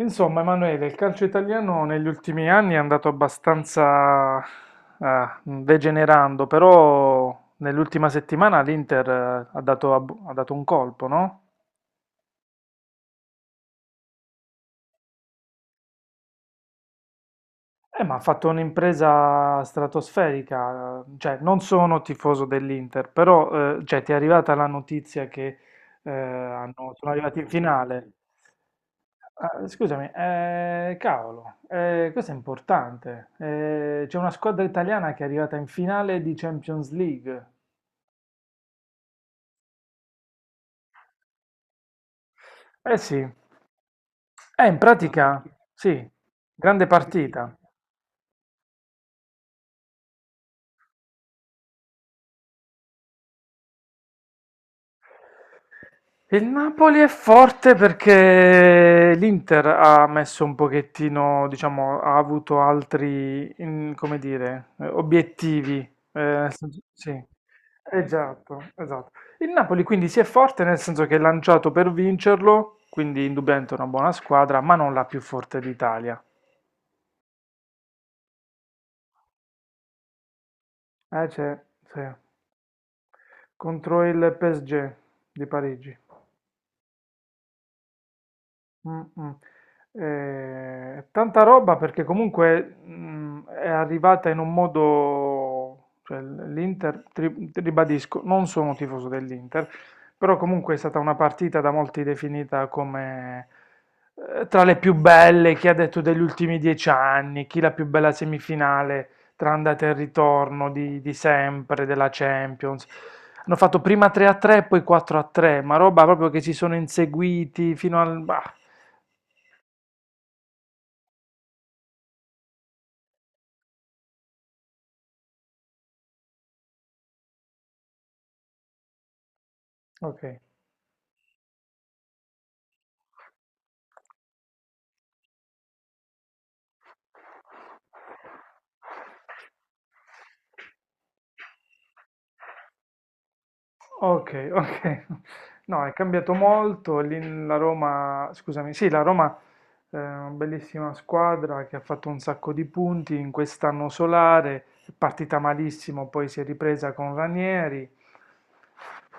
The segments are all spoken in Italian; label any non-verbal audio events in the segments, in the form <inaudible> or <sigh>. Insomma, Emanuele, il calcio italiano negli ultimi anni è andato abbastanza degenerando, però nell'ultima settimana l'Inter ha dato, ha dato un colpo, no? Ma ha fatto un'impresa stratosferica, cioè non sono tifoso dell'Inter, però cioè, ti è arrivata la notizia che sono arrivati in finale. Ah, scusami, cavolo, questo è importante. C'è una squadra italiana che è arrivata in finale di Champions League. Eh sì, in pratica sì, grande partita. Il Napoli è forte perché l'Inter ha messo un pochettino, diciamo, ha avuto altri, come dire, obiettivi. Sì, esatto, esatto. Il Napoli quindi si è forte nel senso che è lanciato per vincerlo, quindi indubbiamente è una buona squadra, ma non la più forte d'Italia. C'è, sì. Contro il PSG di Parigi. Mh-mh. Tanta roba perché comunque, è arrivata in un modo, cioè l'Inter tri ribadisco, non sono tifoso dell'Inter, però comunque è stata una partita da molti definita come, tra le più belle, chi ha detto degli ultimi 10 anni, chi la più bella semifinale tra andata e ritorno di sempre, della Champions. Hanno fatto prima 3-3 e poi 4-3, ma roba proprio che si sono inseguiti fino al bah! Okay. Okay, <laughs> okay. No, è cambiato molto. Lì la Roma, scusami, sì, la Roma è una bellissima squadra che ha fatto un sacco di punti in quest'anno solare, è partita malissimo, poi si è ripresa con Ranieri.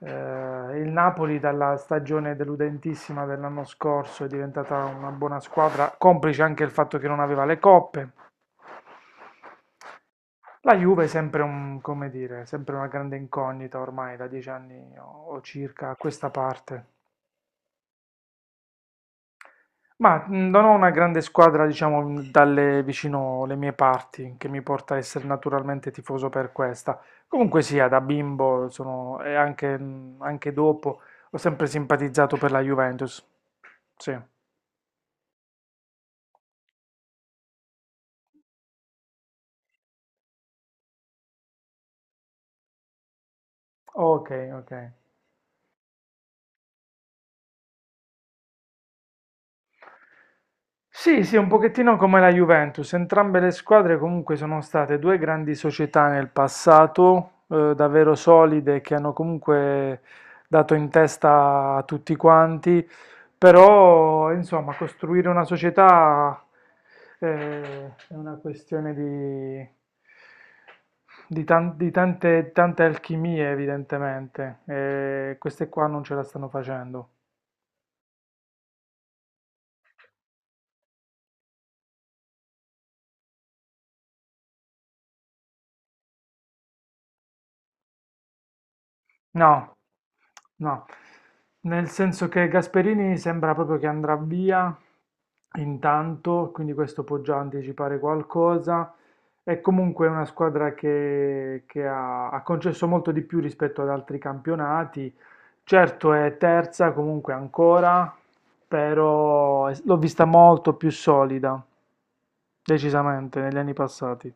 Eh, il Napoli dalla stagione deludentissima dell'anno scorso è diventata una buona squadra, complice anche il fatto che non aveva le coppe. La Juve è sempre un, come dire, sempre una grande incognita ormai da dieci anni o circa a questa parte. Ma non ho una grande squadra, diciamo, dalle vicino le mie parti, che mi porta a essere naturalmente tifoso per questa. Comunque sia, da bimbo sono, e anche, anche dopo, ho sempre simpatizzato per la Juventus. Sì. Ok, ok. Sì, sì, un pochettino come la Juventus, entrambe le squadre comunque sono state due grandi società nel passato, davvero solide, che hanno comunque dato in testa a tutti quanti, però insomma costruire una società è una questione di, di tante, tante alchimie evidentemente, e queste qua non ce la stanno facendo. No, no, nel senso che Gasperini sembra proprio che andrà via intanto, quindi questo può già anticipare qualcosa. È comunque una squadra che ha, ha concesso molto di più rispetto ad altri campionati. Certo è terza comunque ancora, però l'ho vista molto più solida, decisamente, negli anni passati.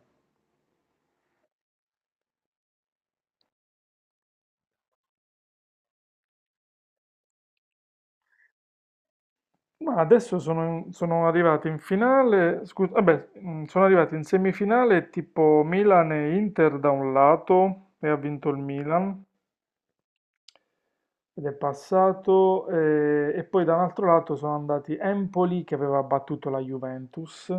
Ma adesso sono, sono arrivati in finale, scusa, vabbè, sono arrivati in semifinale tipo Milan e Inter da un lato e ha vinto il Milan ed è passato e poi da un altro lato sono andati Empoli che aveva battuto la Juventus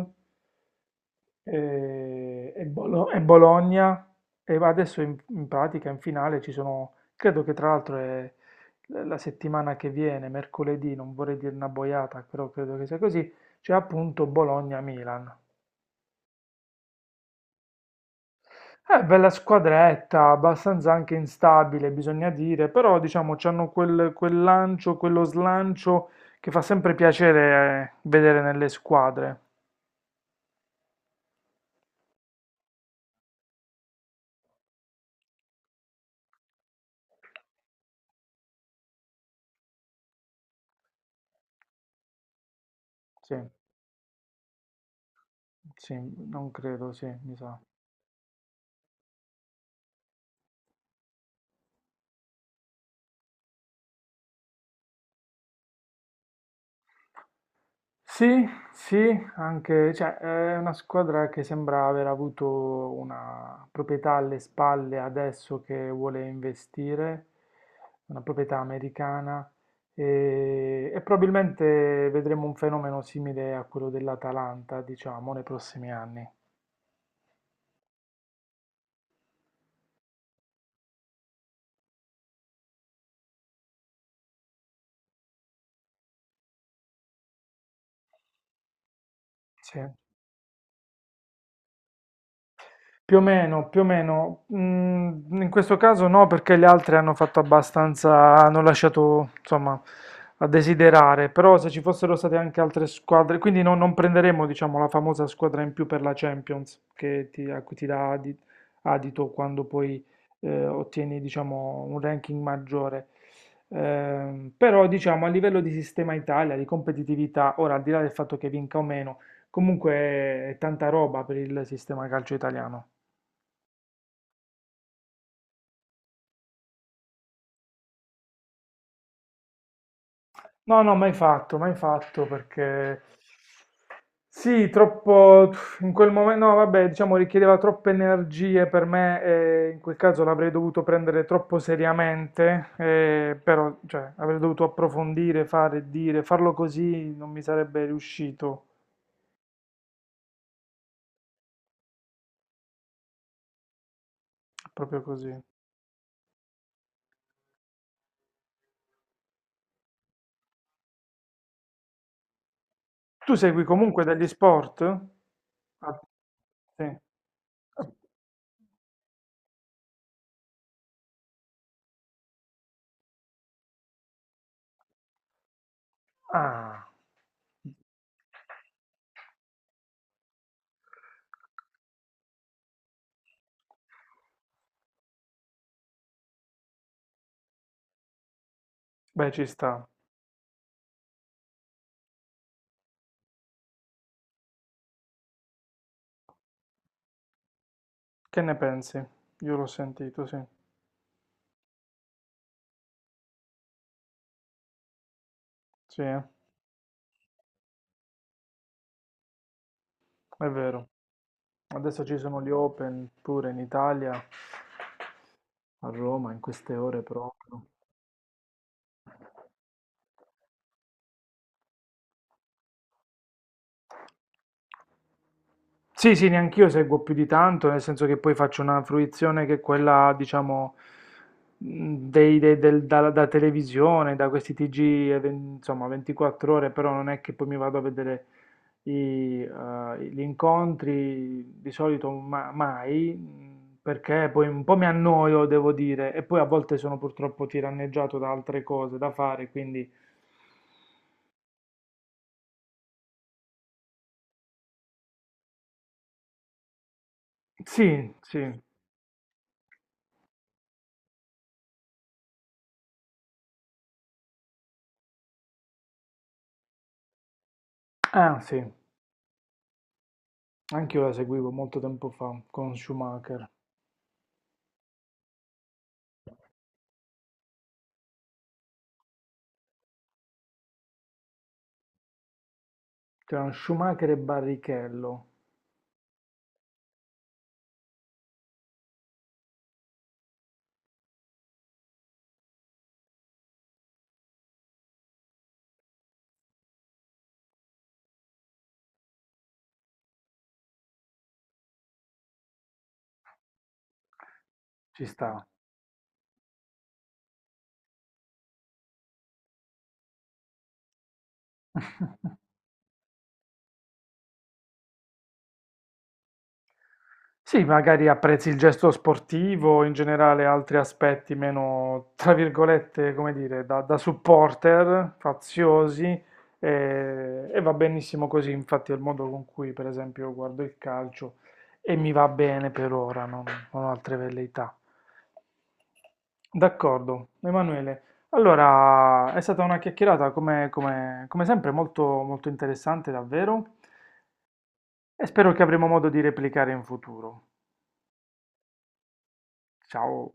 e, e Bologna e va adesso in, in pratica in finale ci sono, credo che tra l'altro è la settimana che viene, mercoledì, non vorrei dire una boiata, però credo che sia così, c'è appunto Bologna-Milan. È bella squadretta, abbastanza anche instabile, bisogna dire, però diciamo c'hanno quel, quel lancio, quello slancio che fa sempre piacere vedere nelle squadre. Sì, sì, non credo, sì, mi sa. Sì, sì, anche, cioè, è una squadra che sembra aver avuto una proprietà alle spalle adesso che vuole investire, una proprietà americana, e probabilmente vedremo un fenomeno simile a quello dell'Atalanta, diciamo, nei prossimi anni. Sì. Più o meno, più o meno. In questo caso no, perché gli altri hanno fatto abbastanza, hanno lasciato, insomma, a desiderare. Però se ci fossero state anche altre squadre, quindi non prenderemo, diciamo, la famosa squadra in più per la Champions, che ti, a cui ti dà adito quando poi ottieni, diciamo, un ranking maggiore. Però, diciamo, a livello di sistema Italia, di competitività, ora al di là del fatto che vinca o meno, comunque è tanta roba per il sistema calcio italiano. No, no, mai fatto, mai fatto perché sì, troppo in quel momento, no, vabbè, diciamo richiedeva troppe energie per me e in quel caso l'avrei dovuto prendere troppo seriamente, però cioè, avrei dovuto approfondire, fare, dire, farlo così non mi sarebbe riuscito, proprio così. Tu segui comunque degli sport? Ah, sì. Ah, beh, ci sta. Che ne pensi? Io l'ho sentito, sì. Sì, eh. È vero, adesso ci sono gli Open pure in Italia, a Roma, in queste ore proprio. Sì, sì, neanch'io seguo più di tanto, nel senso che poi faccio una fruizione che è quella, diciamo, da, da televisione, da questi TG, insomma, 24 ore, però non è che poi mi vado a vedere i, gli incontri, di solito mai, perché poi un po' mi annoio, devo dire, e poi a volte sono purtroppo tiranneggiato da altre cose da fare, quindi sì, sì, ah sì, anch'io la seguivo molto tempo fa con Schumacher. Tra Schumacher e Barrichello, ci sta. Sì, magari apprezzi il gesto sportivo, in generale altri aspetti meno, tra virgolette, come dire, da, da supporter, faziosi, e va benissimo così, infatti è il modo con cui, per esempio, io guardo il calcio e mi va bene per ora, non, non ho altre velleità. D'accordo, Emanuele. Allora, è stata una chiacchierata come, come sempre molto, molto interessante, davvero. E spero che avremo modo di replicare in futuro. Ciao!